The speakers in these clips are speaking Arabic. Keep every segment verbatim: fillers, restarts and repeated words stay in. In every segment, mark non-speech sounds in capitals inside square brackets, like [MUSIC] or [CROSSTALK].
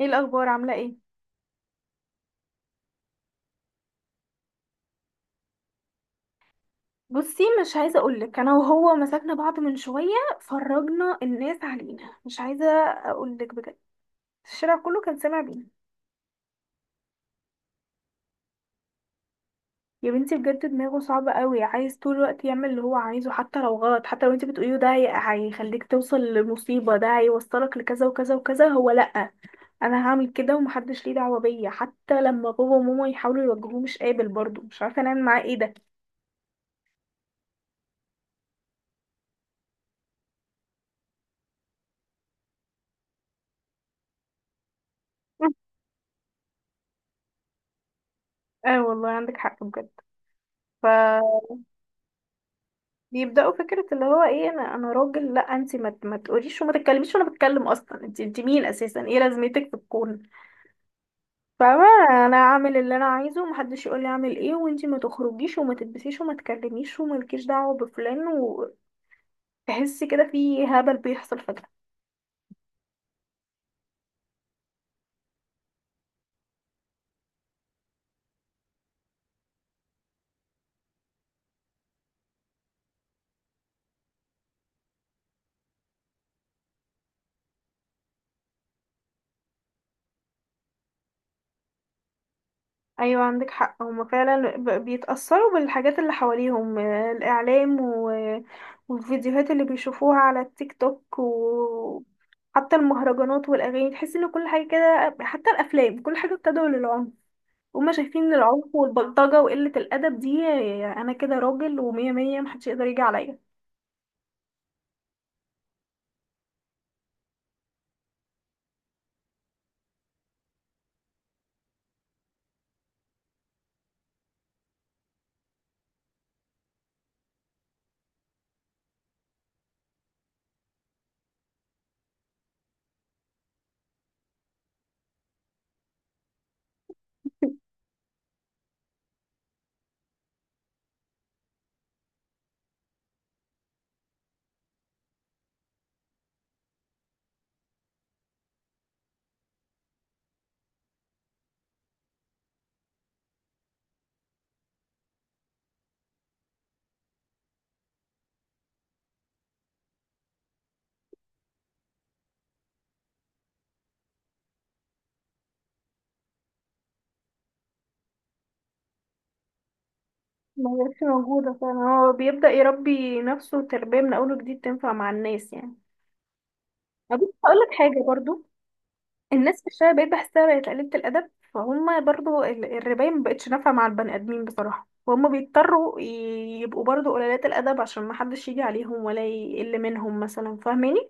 ايه الاخبار؟ عامله ايه؟ بصي، مش عايزه اقولك، انا وهو مسكنا بعض من شويه. فرجنا الناس علينا، مش عايزه اقولك بجد. الشارع كله كان سامع بينا. يا بنتي بجد دماغه صعبه قوي، عايز طول الوقت يعمل اللي هو عايزه، حتى لو غلط، حتى لو انت بتقوليه ده هي- هيخليك توصل لمصيبه، ده هيوصلك لكذا وكذا وكذا، هو لا، انا هعمل كده ومحدش ليه دعوه بيا. حتى لما بابا وماما يحاولوا يوجهوه مش قابل برضه، مش عارفه نعمل معاه ايه ده. [LAUGHS] اه والله عندك حق بجد. ف بيبداوا فكره اللي هو ايه، انا انا راجل، لا انت ما ما تقوليش وما تتكلميش، وانا بتكلم اصلا، انت انت مين اساسا؟ ايه لازمتك في الكون؟ فاهمه. انا اعمل اللي انا عايزه ومحدش يقول لي اعمل ايه، وانت ما تخرجيش وما تلبسيش وما تكلميش ومالكيش دعوه بفلان. وتحسي كده في هبل بيحصل فجاه. ايوه عندك حق، هما فعلا ب- بيتأثروا بالحاجات اللي حواليهم، آه، الاعلام و... والفيديوهات اللي بيشوفوها على التيك توك، وحتى المهرجانات والاغاني، تحس ان كل حاجه كده، حتى الافلام كل حاجه بتدعو للعنف. هما شايفين ان العنف والبلطجه وقله الادب دي، آه، انا كده راجل ومية مية، محدش يقدر يجي عليا. ما هيش موجوده فعلا، هو بيبدأ يربي نفسه تربيه من اول وجديد تنفع مع الناس يعني. بس هقول لك حاجه برضو. الناس في الشارع بقيت بحسها بقت قليلة الأدب، فهم برضو ال- الرباية مبقتش نافعة مع البني آدمين بصراحة، وهم بيضطروا ي- يبقوا برضو قليلات الأدب عشان محدش يجي عليهم ولا يقل منهم مثلا، فاهماني؟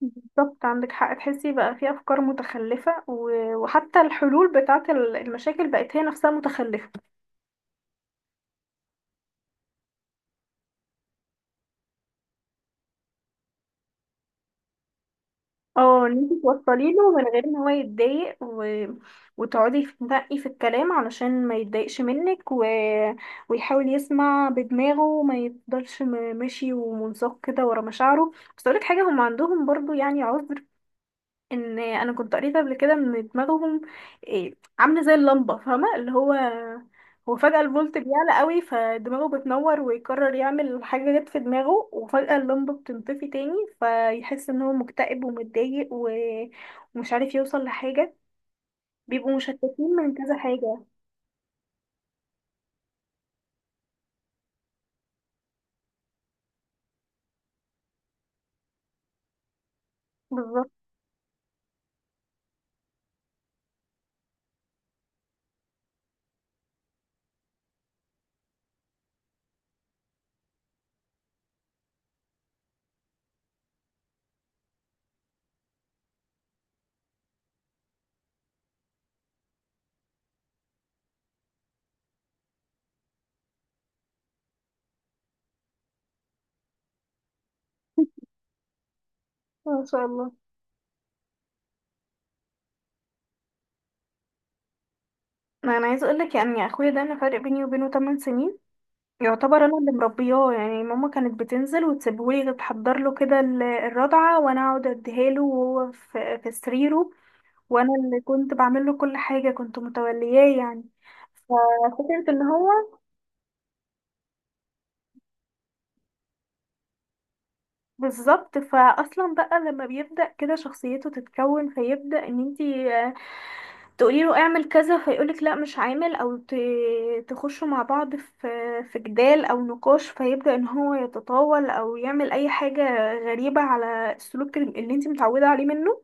بالظبط عندك حق، تحسي بقى في أفكار متخلفة، و- وحتى الحلول بتاعة ال- المشاكل بقت هي نفسها متخلفة. اه، ان انت توصلي له من غير ان هو يتضايق، و... وتقعدي تنقي في الكلام علشان ما يتضايقش منك، و... ويحاول يسمع بدماغه وما يفضلش م- ماشي ومنساق كده ورا مشاعره. بس اقولك حاجه، هم عندهم برضو يعني عذر. ان انا كنت قريت قبل كده ان دماغهم إيه، عامله زي اللمبه، فاهمه اللي هو، هو فجاه الفولت بيعلى قوي فدماغه بتنور، ويقرر يعمل حاجه جت في دماغه، وفجاه اللمبه بتنطفي تاني. فيحس ان هو مكتئب ومتضايق، و... ومش عارف يوصل لحاجه. بيبقوا مشتتين من كذا حاجه. بالظبط. ما شاء الله. ما انا عايزه اقول لك، يعني اخويا ده انا فرق بيني وبينه 8 سنين. يعتبر انا اللي مربياه يعني، ماما كانت بتنزل وتسيبهولي، تحضر له كده ال- الرضعه وانا اقعد اديها له، وهو في في سريره. وانا اللي كنت بعمل له كل حاجه، كنت متولياه يعني. ففكره ان هو، بالظبط، فاصلا بقى لما بيبدا كده شخصيته تتكون، فيبدا ان انتي تقولي له اعمل كذا فيقولك لا مش عامل، او ت- تخشوا مع بعض في في جدال او نقاش، فيبدأ ان هو يتطاول او يعمل اي حاجة غريبة على السلوك اللي انت متعودة عليه منه.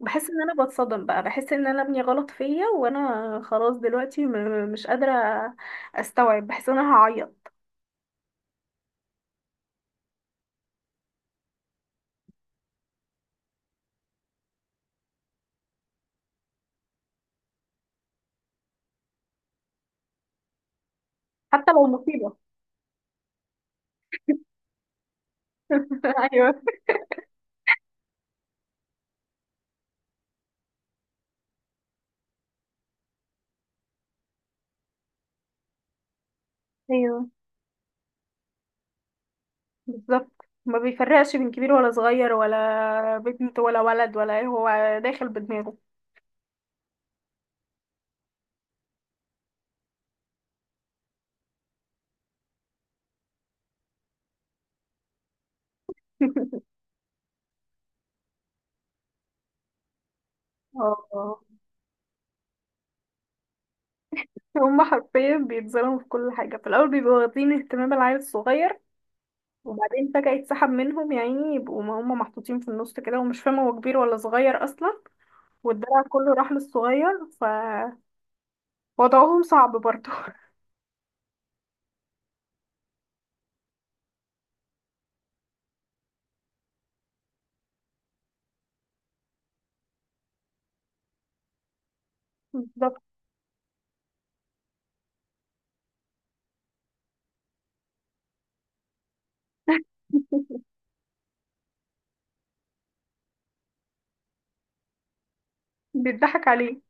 بحس ان انا بتصدم بقى، بحس ان انا ابني غلط فيا، وانا خلاص دلوقتي م- مش قادرة استوعب، بحس ان انا هعيط. حتى لو مصيبة. [LAUGHS] ايوه. ايوه بالظبط، ما بيفرقش بين كبير ولا صغير ولا بنت ولا ولد ولا ايه، هو داخل بدماغه. [LAUGHS] اه، هما حرفيا بيتظلموا في كل حاجة، في الأول بيبقوا واخدين اهتمام العيل الصغير، وبعدين فجأة يتسحب منهم، يا عيني يبقوا ما هما محطوطين في النص كده ومش فاهمة هو كبير ولا صغير أصلا، والدلع كله راح للصغير، فوضعهم صعب برضه. [LAUGHS] بالظبط. بيضحك عليه.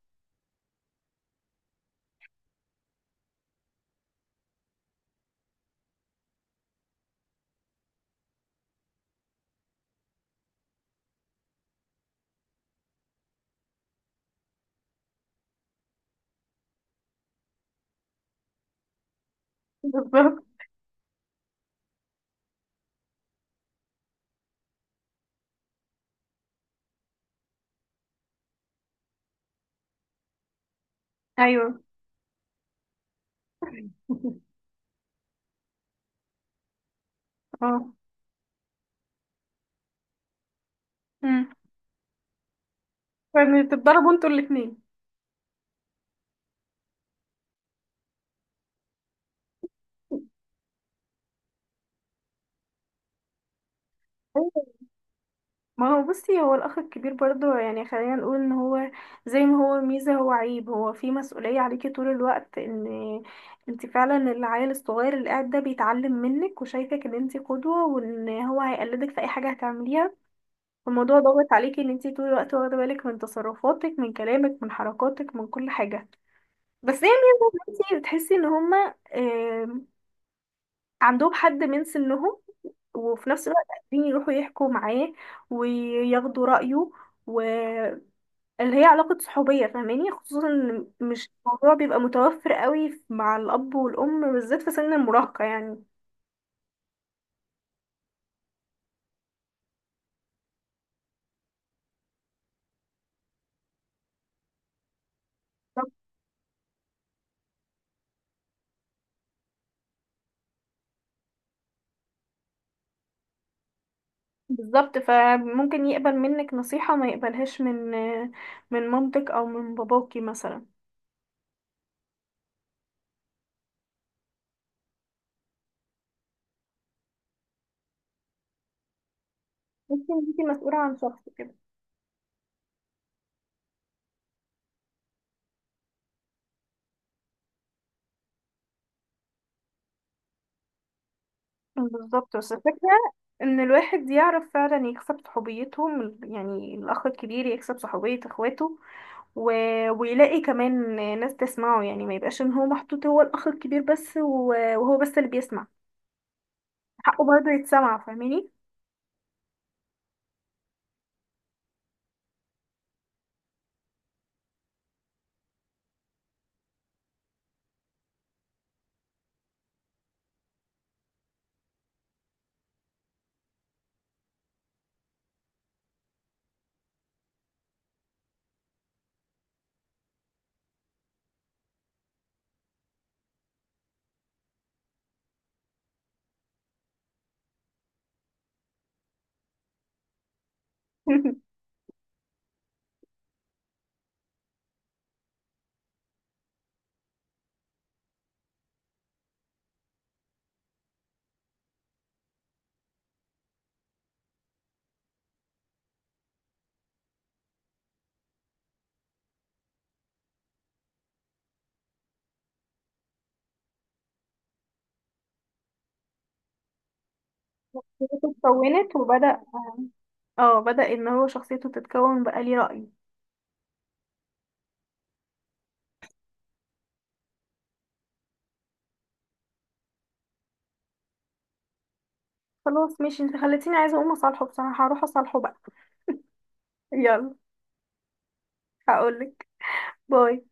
بالظبط. أيوه. [LAUGHS] اه. امم. فبتتضربوا انتوا الاتنين. [LAUGHS] ما هو بصي، هو الأخ الكبير برضه يعني، خلينا نقول إن هو زي ما هو ميزة هو عيب، هو في مسؤولية عليكي طول الوقت، إن انت فعلا العيل الصغير اللي قاعد ده بيتعلم منك وشايفك إن انت قدوة، وإن هو هيقلدك في أي حاجة هتعمليها. الموضوع ضاغط عليكي إن انت طول الوقت واخدة بالك من تصرفاتك، من كلامك، من حركاتك، من كل حاجة. بس هي ميزة إن انت بتحسي إن هما آه، عندهم حد من سنهم، وفي نفس الوقت قادرين يروحوا يحكوا معاه وياخدوا رأيه، واللي هي علاقة صحوبية، فاهماني؟ خصوصا إن مش الموضوع بيبقى متوفر قوي مع الأب والأم بالذات في سن المراهقة يعني. بالظبط، فممكن يقبل منك نصيحة ما يقبلهاش من من مامتك أو من باباكي مثلا. ممكن انتي مسؤولة عن شخص كده. بالظبط، بس الفكرة ان الواحد يعرف فعلا يكسب صحوبيتهم، يعني الاخ الكبير يكسب صحوبية اخواته، و... ويلاقي كمان ناس تسمعه يعني، ما يبقاش ان هو محطوط هو الاخ الكبير بس و... وهو بس اللي بيسمع، حقه برضه يتسمع، فاهماني؟ [LAUGHS] شخصيته اتكونت وبدأ. اه بدأ ان هو شخصيته تتكون بقى ليه رأي. خلاص ماشي، انت خلتيني عايزة اقوم اصالحه بصراحة، هروح اصالحه بقى. يلا. هقولك. باي.